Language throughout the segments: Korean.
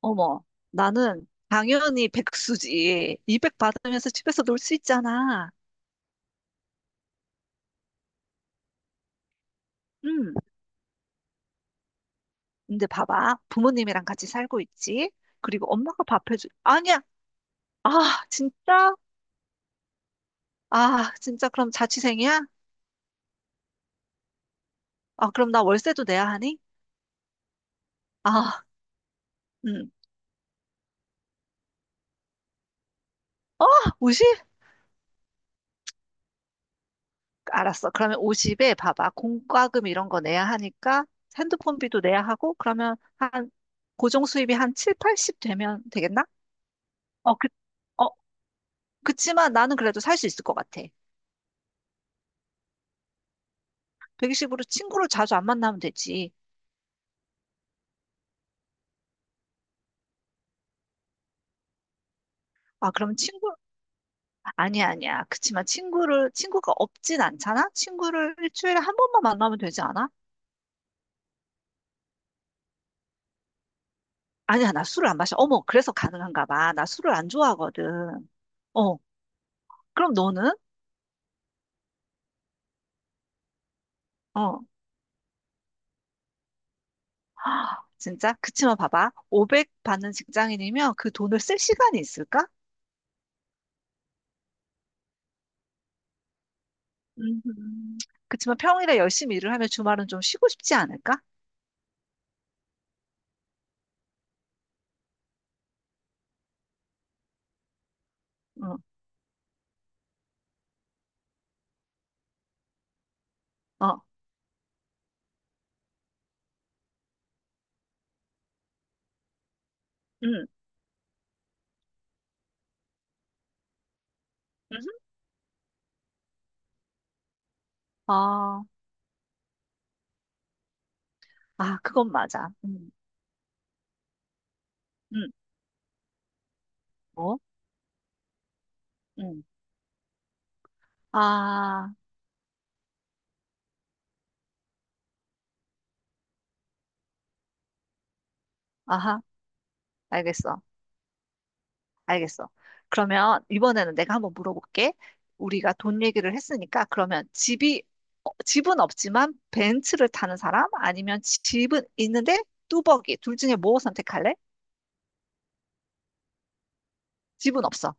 어머, 나는 당연히 백수지. 200 받으면서 집에서 놀 수 있잖아. 응. 근데 봐봐. 부모님이랑 같이 살고 있지. 그리고 엄마가 밥 해줘. 아니야. 아, 진짜? 아, 진짜 그럼 자취생이야? 아, 그럼 나 월세도 내야 하니? 아, 응. 50? 알았어. 그러면 50에 봐봐. 공과금 이런 거 내야 하니까 핸드폰비도 내야 하고 그러면 한 고정 수입이 한 7, 80 되면 되겠나? 어, 그, 어, 그치만 나는 그래도 살 수 있을 것 같아. 110으로 친구를 자주 안 만나면 되지. 아, 그럼 친구. 아니야, 아니야. 그치만 친구가 없진 않잖아? 친구를 일주일에 한 번만 만나면 되지 않아? 아니야, 나 술을 안 마셔. 어머, 그래서 가능한가 봐. 나 술을 안 좋아하거든. 어, 그럼 너는? 어, 하, 진짜? 그치만 봐봐. 500 받는 직장인이면 그 돈을 쓸 시간이 있을까? 음, 그치만 평일에 열심히 일을 하면 주말은 좀 쉬고 싶지 않을까? 응, 어, 응, 음, 음. 아, 아, 그건 맞아. 음. 뭐. 응, 아, 아하, 알겠어. 알겠어. 그러면 이번에는 내가 한번 물어볼게. 우리가 돈 얘기를 했으니까 그러면 집은 없지만 벤츠를 타는 사람? 아니면 집은 있는데 뚜벅이. 둘 중에 뭐 선택할래? 집은 없어.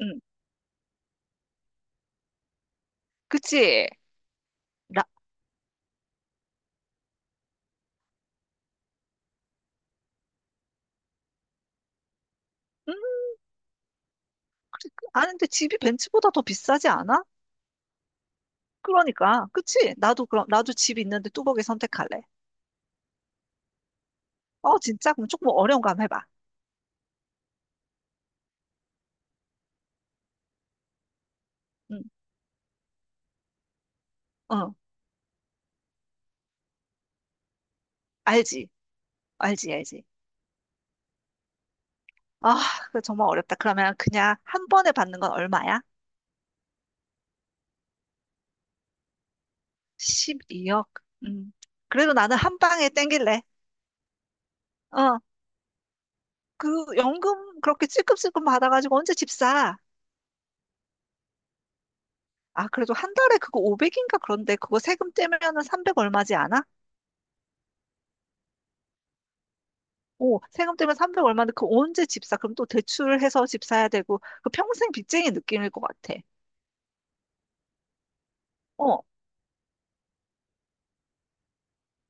응, 그치? 라, 음, 그래. 아는데 집이 벤츠보다 더 비싸지 않아? 그러니까. 그치? 나도 집 있는데 뚜벅이 선택할래. 어, 진짜? 그럼 조금 어려운 거 한번 해봐. 응, 어, 알지. 알지, 알지. 아, 그거 정말 어렵다. 그러면 그냥 한 번에 받는 건 얼마야? 12억. 음. 그래도 나는 한 방에 땡길래. 어. 그 연금 그렇게 찔끔찔끔 받아가지고 언제 집 사? 아, 그래도 한 달에 그거 500인가 그런데 그거 세금 떼면은 300 얼마지 않아? 오, 세금 떼면 300 얼마인데 그거 언제 집 사? 그럼 또 대출해서 집 사야 되고 그 평생 빚쟁이 느낌일 것 같아. 어,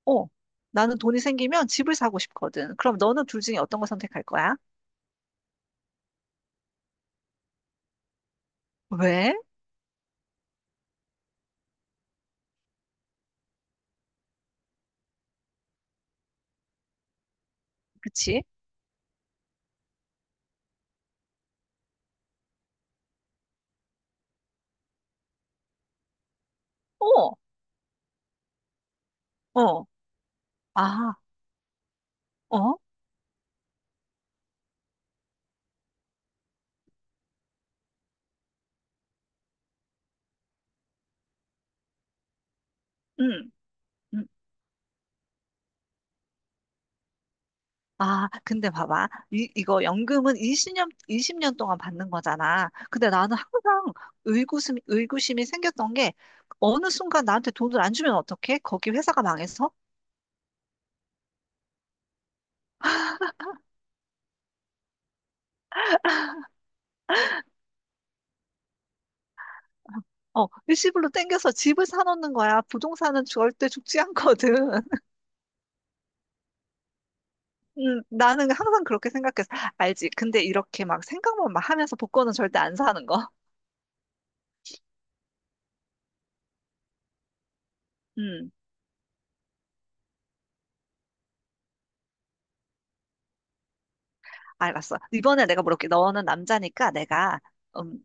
어. 나는 돈이 생기면 집을 사고 싶거든. 그럼 너는 둘 중에 어떤 거 선택할 거야? 왜? 그치? 어. 어. 아, 어? 응, 응, 아, 근데 봐봐. 이거 연금은 20년, 이십 년 동안 받는 거잖아. 근데 나는 항상 의구심이 생겼던 게 어느 순간 나한테 돈을 안 주면 어떡해? 거기 회사가 망해서? 일시불로 땡겨서 집을 사놓는 거야. 부동산은 절대 죽지 않거든. 나는 항상 그렇게 생각했어. 알지? 근데 이렇게 막 생각만 막 하면서 복권은 절대 안 사는 거. 알았어. 이번에 내가 물어볼게. 너는 남자니까 음,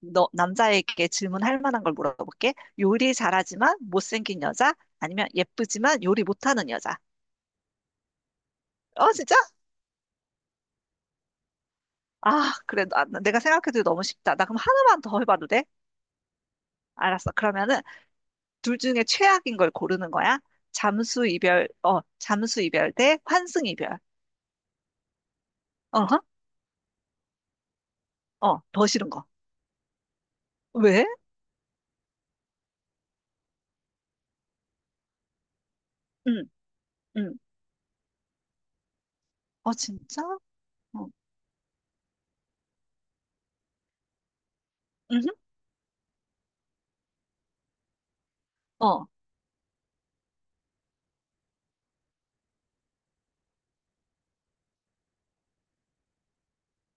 너, 남자에게 질문할 만한 걸 물어볼게. 요리 잘하지만 못생긴 여자? 아니면 예쁘지만 요리 못하는 여자? 어, 진짜? 아, 그래. 내가 생각해도 너무 쉽다. 나 그럼 하나만 더 해봐도 돼? 알았어. 그러면은 둘 중에 최악인 걸 고르는 거야? 잠수 이별 대 환승 이별. 어허? 더 싫은 거. 왜? 응, 응. 어, 진짜? 어, 응, 어,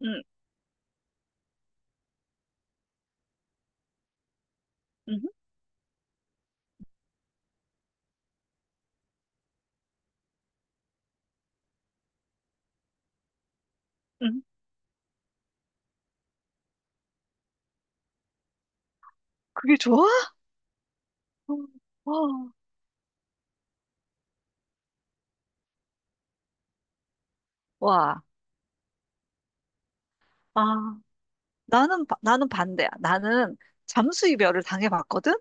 응, 응, 응. 그게 좋아? 어, 와, 아, 나는 반대야. 나는 잠수 이별을 당해봤거든?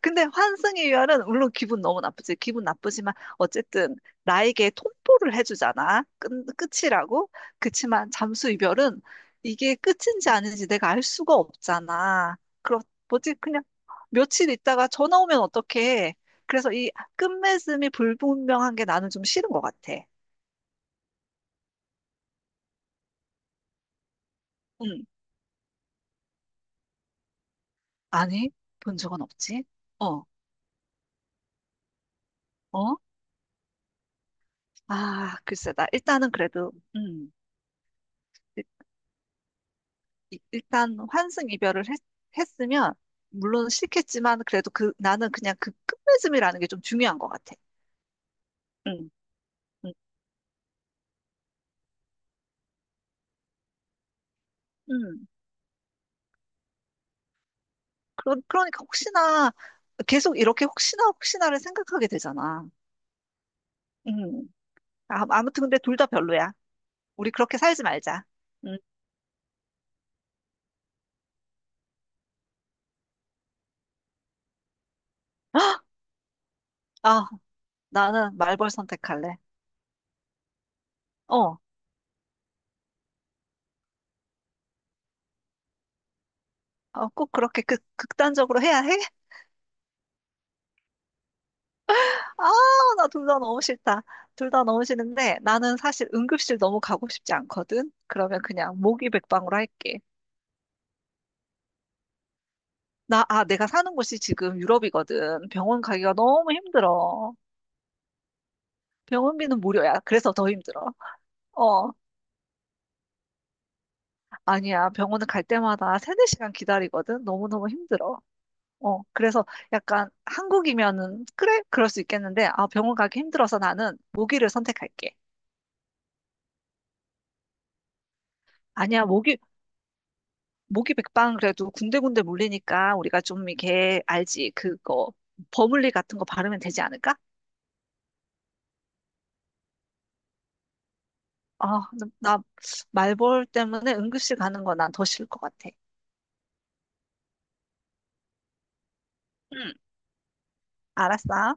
근데 환승 이별은 물론 기분 너무 나쁘지. 기분 나쁘지만 어쨌든 나에게 통보를 해주잖아. 끝이라고. 그치만 잠수 이별은 이게 끝인지 아닌지 내가 알 수가 없잖아. 뭐지? 그냥 며칠 있다가 전화 오면 어떡해. 그래서 이 끝맺음이 불분명한 게 나는 좀 싫은 것 같아. 응. 아니, 본 적은 없지? 어. 어? 아, 글쎄, 나 일단은 그래도, 일- 일단 환승 이별을 했으면, 물론 싫겠지만, 그래도 나는 그냥 그 끝맺음이라는 게 좀 중요한 것 같아. 음, 음, 음. 그러니까 혹시나, 계속 이렇게 혹시나 혹시나를 생각하게 되잖아. 음. 아, 아무튼 근데 둘 다 별로야. 우리 그렇게 살지 말자. 음. 아, 나는 말벌 선택할래. 어, 어, 꼭 그렇게 극단적으로 해야 해? 아, 나 둘 다 너무 싫다. 둘 다 너무 싫은데 나는 사실 응급실 너무 가고 싶지 않거든. 그러면 그냥 모기백방으로 할게. 내가 사는 곳이 지금 유럽이거든. 병원 가기가 너무 힘들어. 병원비는 무료야. 그래서 더 힘들어. 어, 아니야. 병원을 갈 때마다 세네 시간 기다리거든. 너무너무 힘들어. 그래서 약간 한국이면은, 그래? 그럴 수 있겠는데, 아, 병원 가기 힘들어서 나는 모기를 선택할게. 아니야, 모기 백방 그래도 군데군데 물리니까 우리가 좀 이렇게 알지 그거 버물리 같은 거 바르면 되지 않을까? 아, 나 말벌 때문에 응급실 가는 거 난 더 싫을 것 같아. 응, 알았어.